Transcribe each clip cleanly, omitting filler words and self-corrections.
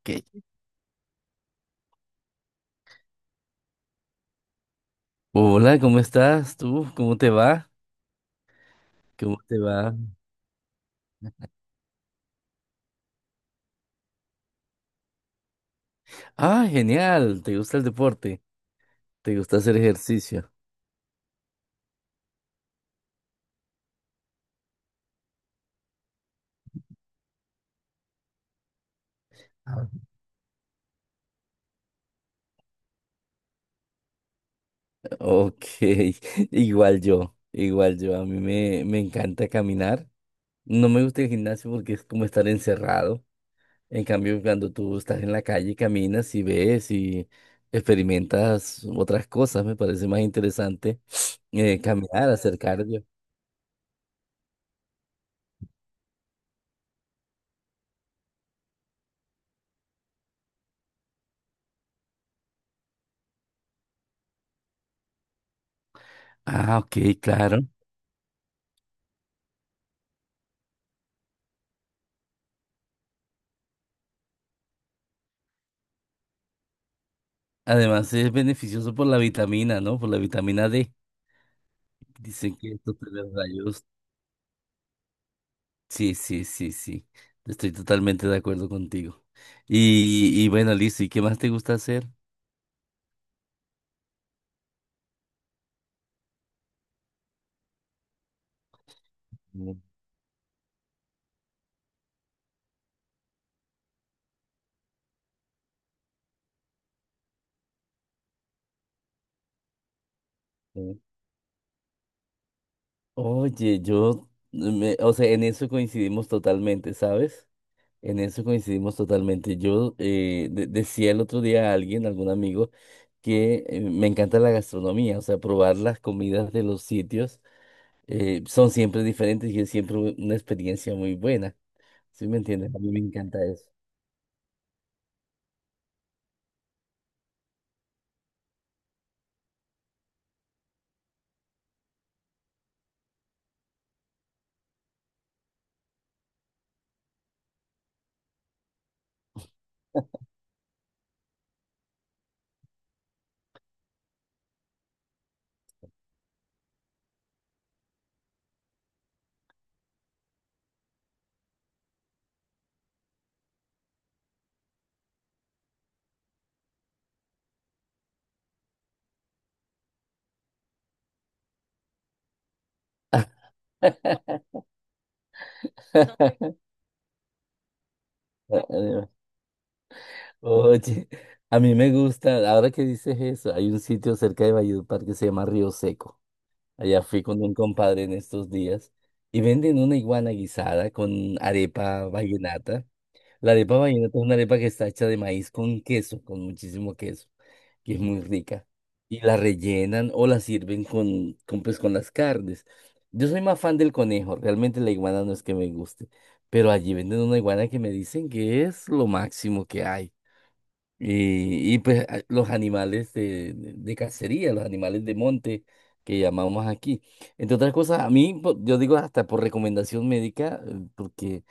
Ok. Hola, ¿cómo estás tú? ¿Cómo te va? ¿Cómo te va? Ah, genial. ¿Te gusta el deporte? ¿Te gusta hacer ejercicio? Ah. Ok, igual yo, igual yo. A mí me encanta caminar. No me gusta el gimnasio porque es como estar encerrado. En cambio, cuando tú estás en la calle, caminas y ves y experimentas otras cosas, me parece más interesante. Caminar, hacer cardio. Ah, ok, claro. Además es beneficioso por la vitamina, ¿no? Por la vitamina D. Dicen que estos tres rayos. Sí, sí, sí, sí. Estoy totalmente de acuerdo contigo. Y bueno, listo. ¿Y qué más te gusta hacer? Mm, mm. Oye, o sea, en eso coincidimos totalmente, ¿sabes? En eso coincidimos totalmente. Yo decía el otro día a alguien, algún amigo, que me encanta la gastronomía, o sea, probar las comidas de los sitios. Son siempre diferentes y es siempre una experiencia muy buena. ¿Sí me entiendes? A mí me encanta eso. Oye, a mí me gusta, ahora que dices eso, hay un sitio cerca de Valledupar que se llama Río Seco. Allá fui con un compadre en estos días y venden una iguana guisada con arepa vallenata. La arepa vallenata es una arepa que está hecha de maíz con queso, con muchísimo queso, que es muy rica. Y la rellenan o la sirven con, con las carnes. Yo soy más fan del conejo, realmente la iguana no es que me guste, pero allí venden una iguana que me dicen que es lo máximo que hay. Los animales de, de cacería, los animales de monte que llamamos aquí. Entre otras cosas, yo digo hasta por recomendación médica,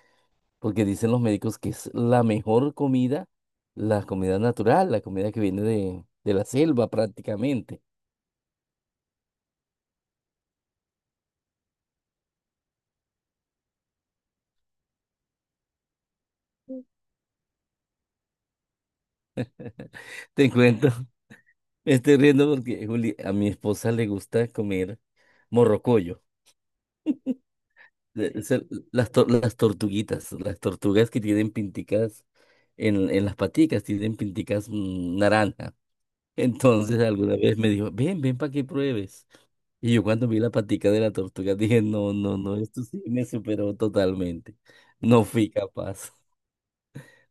porque dicen los médicos que es la mejor comida, la comida natural, la comida que viene de la selva prácticamente. Te cuento, me estoy riendo porque Juli, a mi esposa le gusta comer morrocoyo, es las tortuguitas, las tortugas que tienen pinticas en las paticas, tienen pinticas naranja. Entonces alguna vez me dijo, ven, ven para que pruebes. Y yo cuando vi la patica de la tortuga dije, no, no, no, esto sí me superó totalmente. No fui capaz.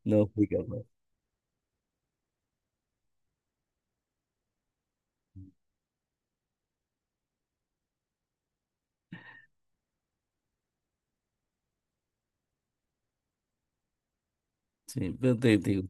No fui capaz. Sí, pero te digo,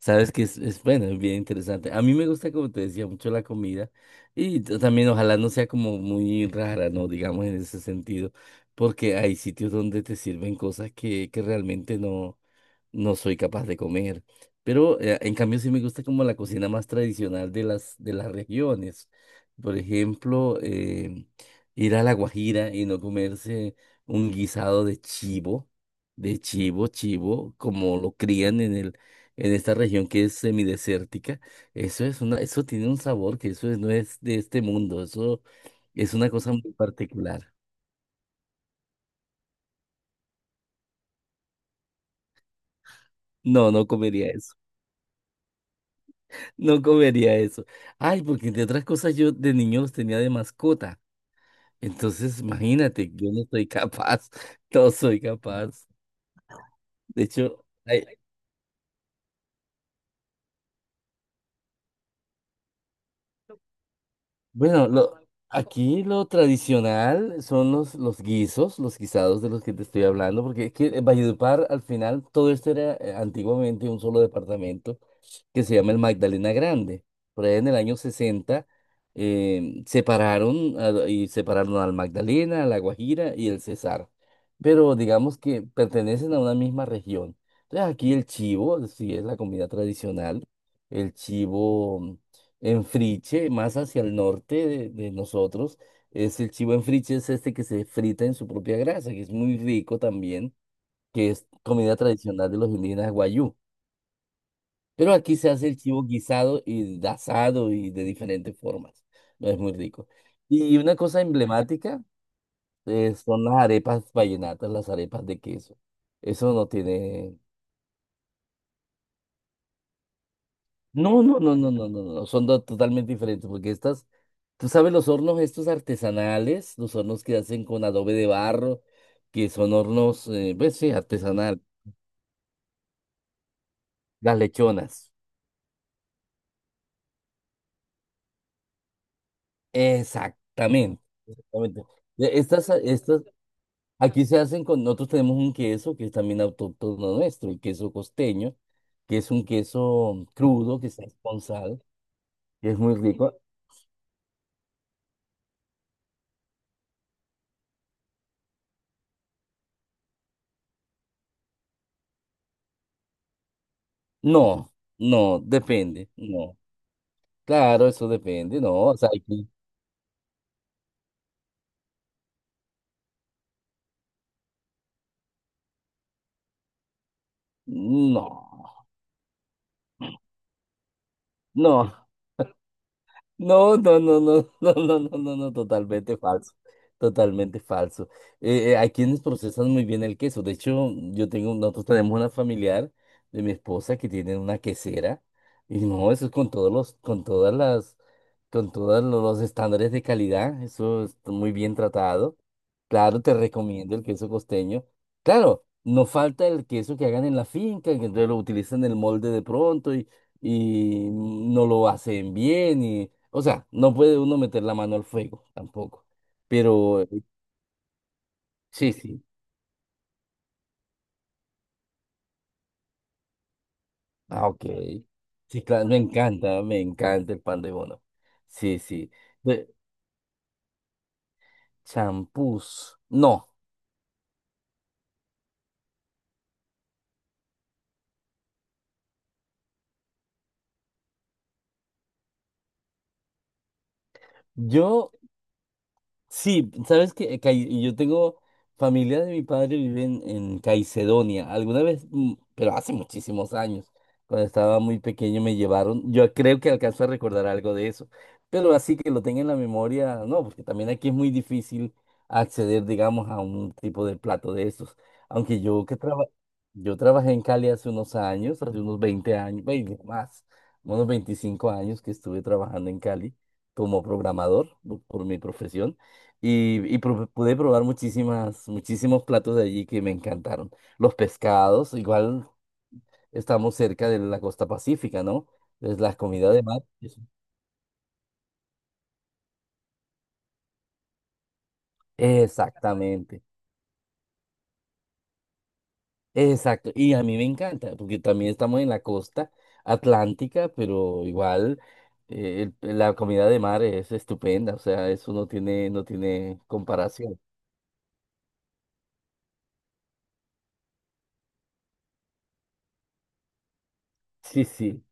sabes que es bueno, es bien interesante. A mí me gusta, como te decía, mucho la comida y también ojalá no sea como muy rara, ¿no? Digamos en ese sentido, porque hay sitios donde te sirven cosas que realmente no, no soy capaz de comer. Pero en cambio sí me gusta como la cocina más tradicional de las regiones. Por ejemplo, ir a La Guajira y no comerse un guisado de chivo, chivo, como lo crían en el, en esta región que es semidesértica. Eso es una, eso tiene un sabor que no es de este mundo. Eso es una cosa muy particular. No, no comería eso. No comería eso. Ay, porque entre otras cosas yo de niño los tenía de mascota. Entonces, imagínate, yo no soy capaz, no soy capaz. De hecho, ay, bueno, lo, aquí lo tradicional son los guisos, los guisados de los que te estoy hablando, porque es que en Valledupar al final todo esto era antiguamente un solo departamento que se llama el Magdalena Grande. Por allá en el año 60 separaron al Magdalena, a la Guajira y el Cesar. Pero digamos que pertenecen a una misma región. Entonces aquí el chivo, sí es la comida tradicional, el chivo en friche, más hacia el norte de nosotros, es el chivo en friche, es este que se frita en su propia grasa, que es muy rico también, que es comida tradicional de los indígenas guayú. Pero aquí se hace el chivo guisado y de asado y de diferentes formas. No es muy rico. Y una cosa emblemática, son las arepas vallenatas, las arepas de queso. Eso no tiene. No, no, no, no, no, no, no. Son dos totalmente diferentes porque estas, tú sabes, los hornos estos artesanales, los hornos que hacen con adobe de barro, que son hornos, pues sí, artesanal. Las lechonas. Exactamente. Exactamente. Estas, estas, aquí se hacen con, nosotros tenemos un queso que es también autóctono nuestro, el queso costeño, que es un queso crudo que está hace con sal, que es muy rico. No, no, depende, no. Claro, eso depende, no, o sea, aquí, no, no. No, no, no, no, no, no, no, no, no, totalmente falso, totalmente falso. Hay quienes procesan muy bien el queso. De hecho, yo tengo, nosotros tenemos una familiar de mi esposa que tiene una quesera y no, eso es con todos los, con todas las, con todos los estándares de calidad. Eso es muy bien tratado. Claro, te recomiendo el queso costeño. Claro, no falta el queso que hagan en la finca, que entonces lo utilizan en el molde de pronto y no lo hacen bien, o sea, no puede uno meter la mano al fuego tampoco. Pero sí, sí. Ah, ok. Sí, claro, me encanta el pan de bono. Sí, sí. De champús. No, yo. Sí, sabes que yo tengo familia de mi padre vive en Caicedonia. Alguna vez, pero hace muchísimos años, cuando estaba muy pequeño me llevaron. Yo creo que alcanzo a recordar algo de eso, pero así que lo tenga en la memoria, no, porque también aquí es muy difícil acceder, digamos, a un tipo de plato de esos. Aunque yo que traba- Yo trabajé en Cali hace unos años, hace unos 20 años, 20 más, unos 25 años que estuve trabajando en Cali como programador por mi profesión. Y pude probar muchísimas, muchísimos platos de allí que me encantaron. Los pescados, igual estamos cerca de la costa pacífica, ¿no? Entonces, las comidas de mar. Eso. Exactamente, exacto. Y a mí me encanta, porque también estamos en la costa atlántica, pero igual, la comida de mar es estupenda, o sea, eso no tiene, no tiene comparación. Sí, sí,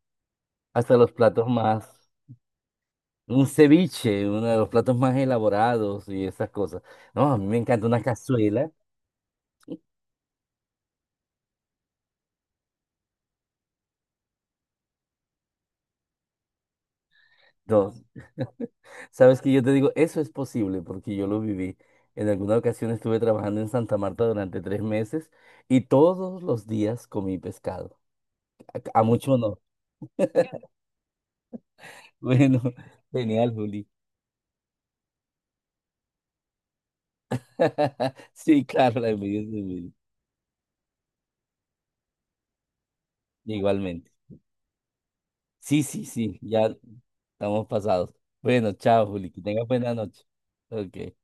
hasta los platos más. Un ceviche, uno de los platos más elaborados y esas cosas. No, a mí me encanta una cazuela. No, sabes que yo te digo, eso es posible porque yo lo viví. En alguna ocasión estuve trabajando en Santa Marta durante 3 meses y todos los días comí pescado. A mucho no. Bueno, genial, Juli. Sí, claro, la envidia es de mil. Igualmente. Sí, sí, sí, ya estamos pasados. Bueno, chao, Juli, que tengas buena noche. Ok.